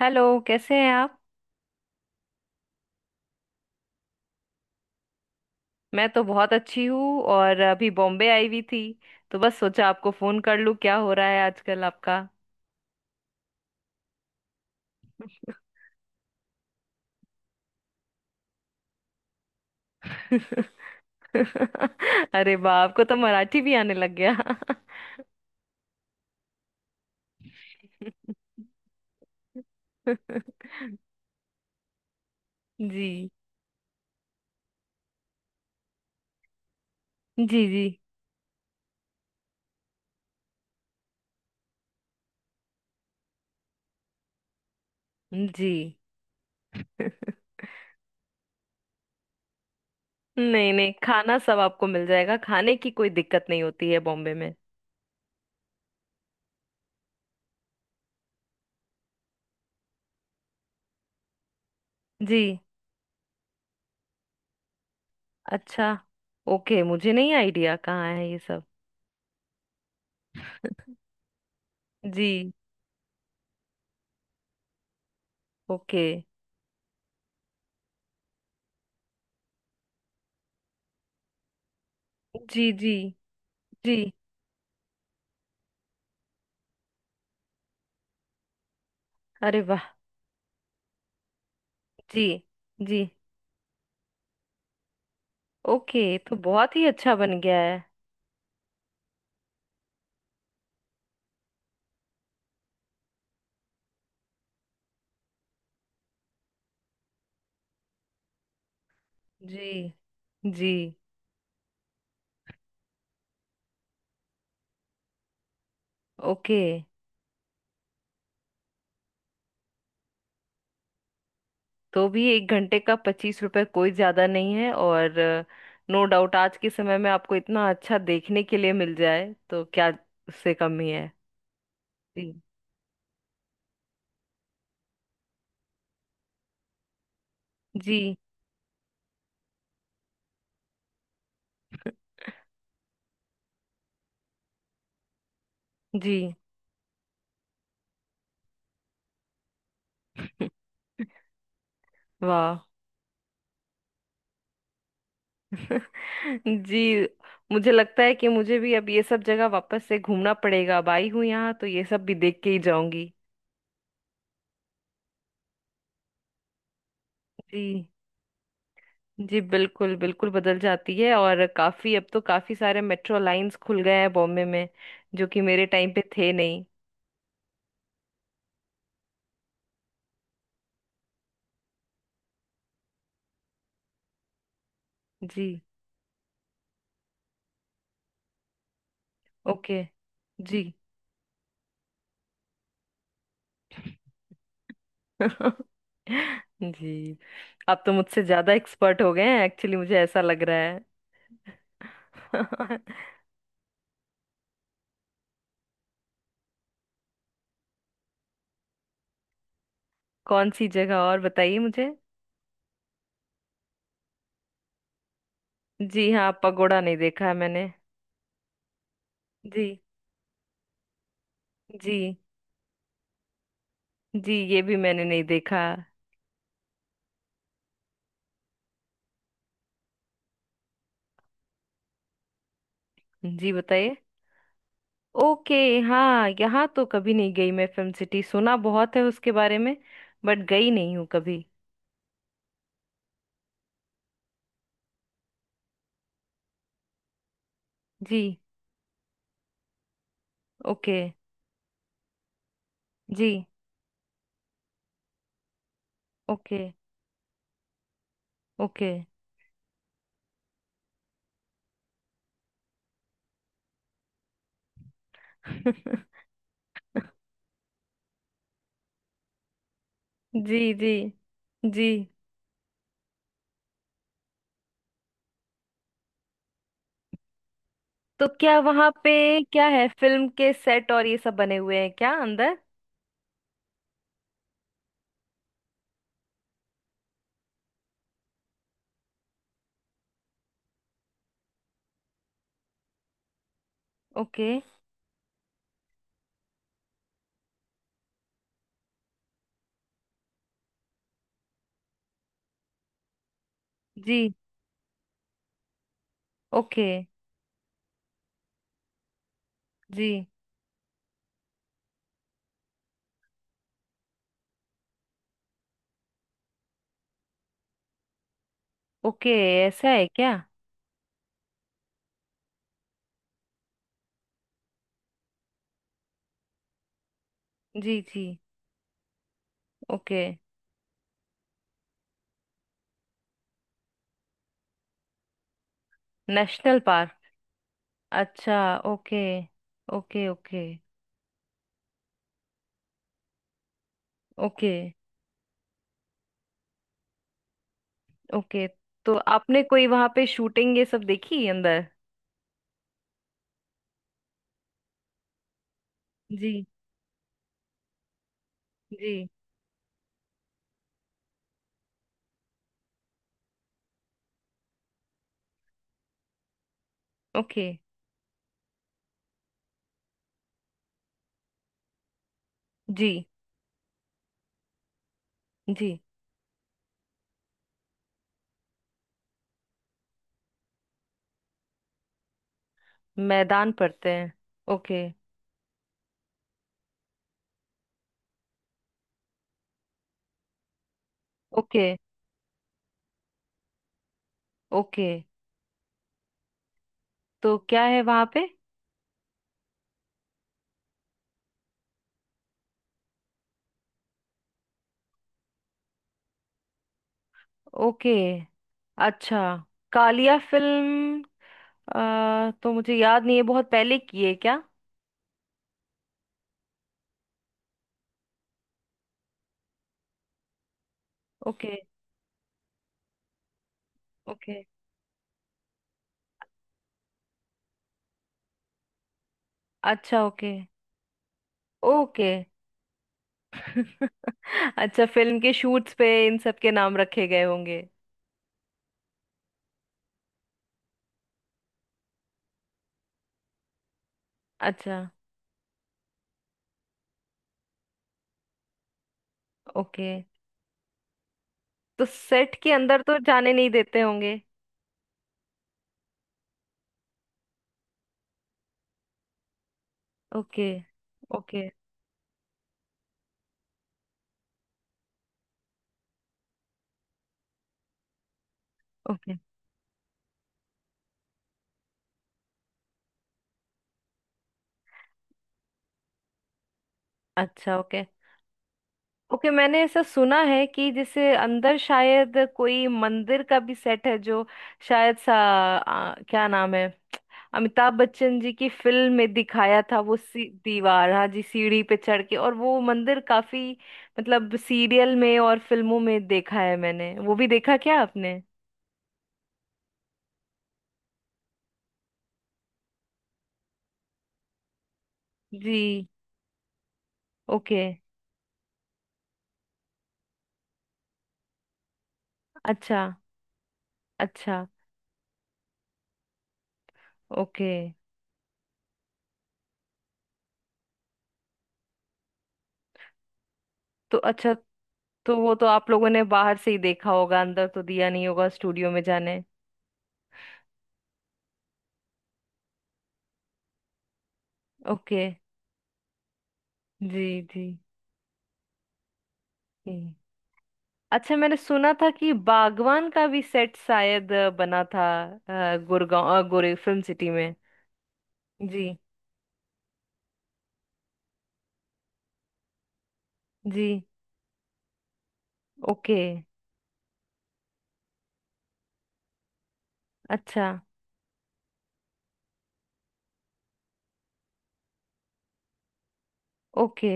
Hello, कैसे हैं आप। मैं तो बहुत अच्छी हूँ, और अभी बॉम्बे आई हुई थी। तो बस सोचा आपको फोन कर लूँ, क्या हो रहा है आजकल आपका। अरे वाह, आपको तो मराठी भी आने लग गया। जी जी। जी जी। नहीं नहीं, खाना सब आपको मिल जाएगा, खाने की कोई दिक्कत नहीं होती है बॉम्बे में। जी। अच्छा, ओके, मुझे नहीं आइडिया कहाँ है ये सब। जी। ओके। जी जी। जी। अरे वाह। जी जी। ओके, तो बहुत ही अच्छा बन गया है। जी। जी। ओके। तो भी एक घंटे का 25 रुपए कोई ज्यादा नहीं है, और नो डाउट आज के समय में आपको इतना अच्छा देखने के लिए मिल जाए तो क्या, उससे कम ही है। जी। जी। जी। वाह। जी। मुझे लगता है कि मुझे भी अब ये सब जगह वापस से घूमना पड़ेगा। अब आई हूँ यहाँ तो ये सब भी देख के ही जाऊंगी। जी। जी बिल्कुल बिल्कुल बदल जाती है, और काफी, अब तो काफी सारे मेट्रो लाइंस खुल गए हैं बॉम्बे में, जो कि मेरे टाइम पे थे नहीं। जी। ओके। जी। जी, आप तो मुझसे ज्यादा एक्सपर्ट हो गए हैं, एक्चुअली मुझे ऐसा लग रहा है। कौन सी जगह और बताइए मुझे। जी हाँ, पगोड़ा नहीं देखा है मैंने। जी। जी, जी ये भी मैंने नहीं देखा। जी बताइए। ओके। हाँ, यहाँ तो कभी नहीं गई मैं। फिल्म सिटी सुना बहुत है उसके बारे में, बट गई नहीं हूँ कभी। जी। ओके। जी। Okay okay. जी जी। जी। तो क्या वहाँ पे क्या है, फिल्म के सेट और ये सब बने हुए हैं क्या अंदर। ओके। जी। ओके। जी। ओके, ऐसा है क्या। जी जी। ओके। National park. अच्छा okay okay. Okay. Okay. Okay, तो आपने कोई वहां पे शूटिंग ये सब देखी अंदर। जी। जी। ओके। जी। जी। मैदान पड़ते हैं। ओके। ओके। ओके, तो क्या है वहां पे। ओके। अच्छा। कालिया फिल्म। तो मुझे याद नहीं है, बहुत पहले की है क्या। ओके। ओके। अच्छा ओके। ओके। अच्छा, फिल्म के शूट्स पे इन सब के नाम रखे गए होंगे। अच्छा। ओके, तो सेट के अंदर तो जाने नहीं देते होंगे। ओके। ओके। ओके। अच्छा ओके। ओके, मैंने ऐसा सुना है कि जैसे अंदर शायद कोई मंदिर का भी सेट है, जो शायद क्या नाम है, अमिताभ बच्चन जी की फिल्म में दिखाया था वो दीवार, हाँ जी, सीढ़ी पे चढ़ के, और वो मंदिर काफी, मतलब, सीरियल में और फिल्मों में देखा है मैंने। वो भी देखा क्या आपने। जी। ओके। अच्छा। अच्छा ओके। तो अच्छा, तो वो तो आप लोगों ने बाहर से ही देखा होगा, अंदर तो दिया नहीं होगा स्टूडियो में जाने। ओके। जी जी। जी। अच्छा, मैंने सुना था कि बागवान का भी सेट शायद बना था, गुड़गांव, गोरे फिल्म सिटी में। जी। जी। ओके। अच्छा। ओके।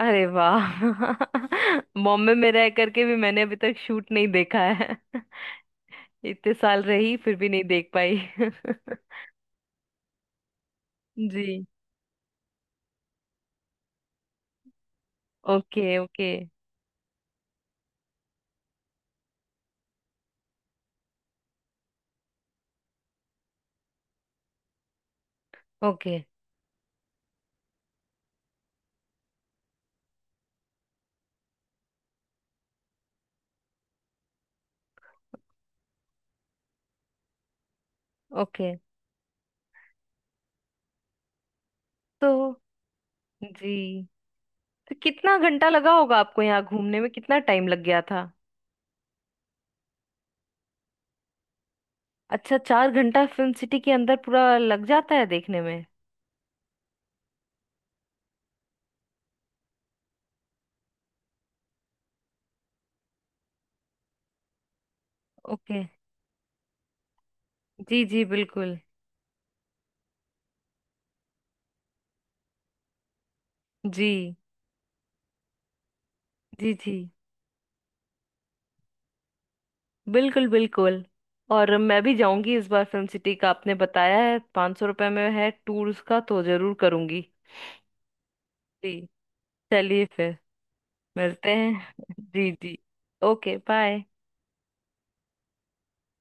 अरे वाह। बॉम्बे में रह करके भी मैंने अभी तक शूट नहीं देखा है। इतने साल रही फिर भी नहीं देख पाई। जी। Okay okay. ओके। ओके। तो जी, तो कितना घंटा लगा होगा आपको यहाँ घूमने में, कितना टाइम लग गया था। अच्छा, चार घंटा फिल्म सिटी के अंदर पूरा लग जाता है देखने में। ओके। जी। जी बिल्कुल। जी। जी जी बिल्कुल बिल्कुल, और मैं भी जाऊंगी इस बार। फिल्म सिटी का आपने बताया है 500 रुपये में है टूर उसका, तो जरूर करूंगी। जी। चलिए फिर। मिलते हैं। जी जी। Okay, bye.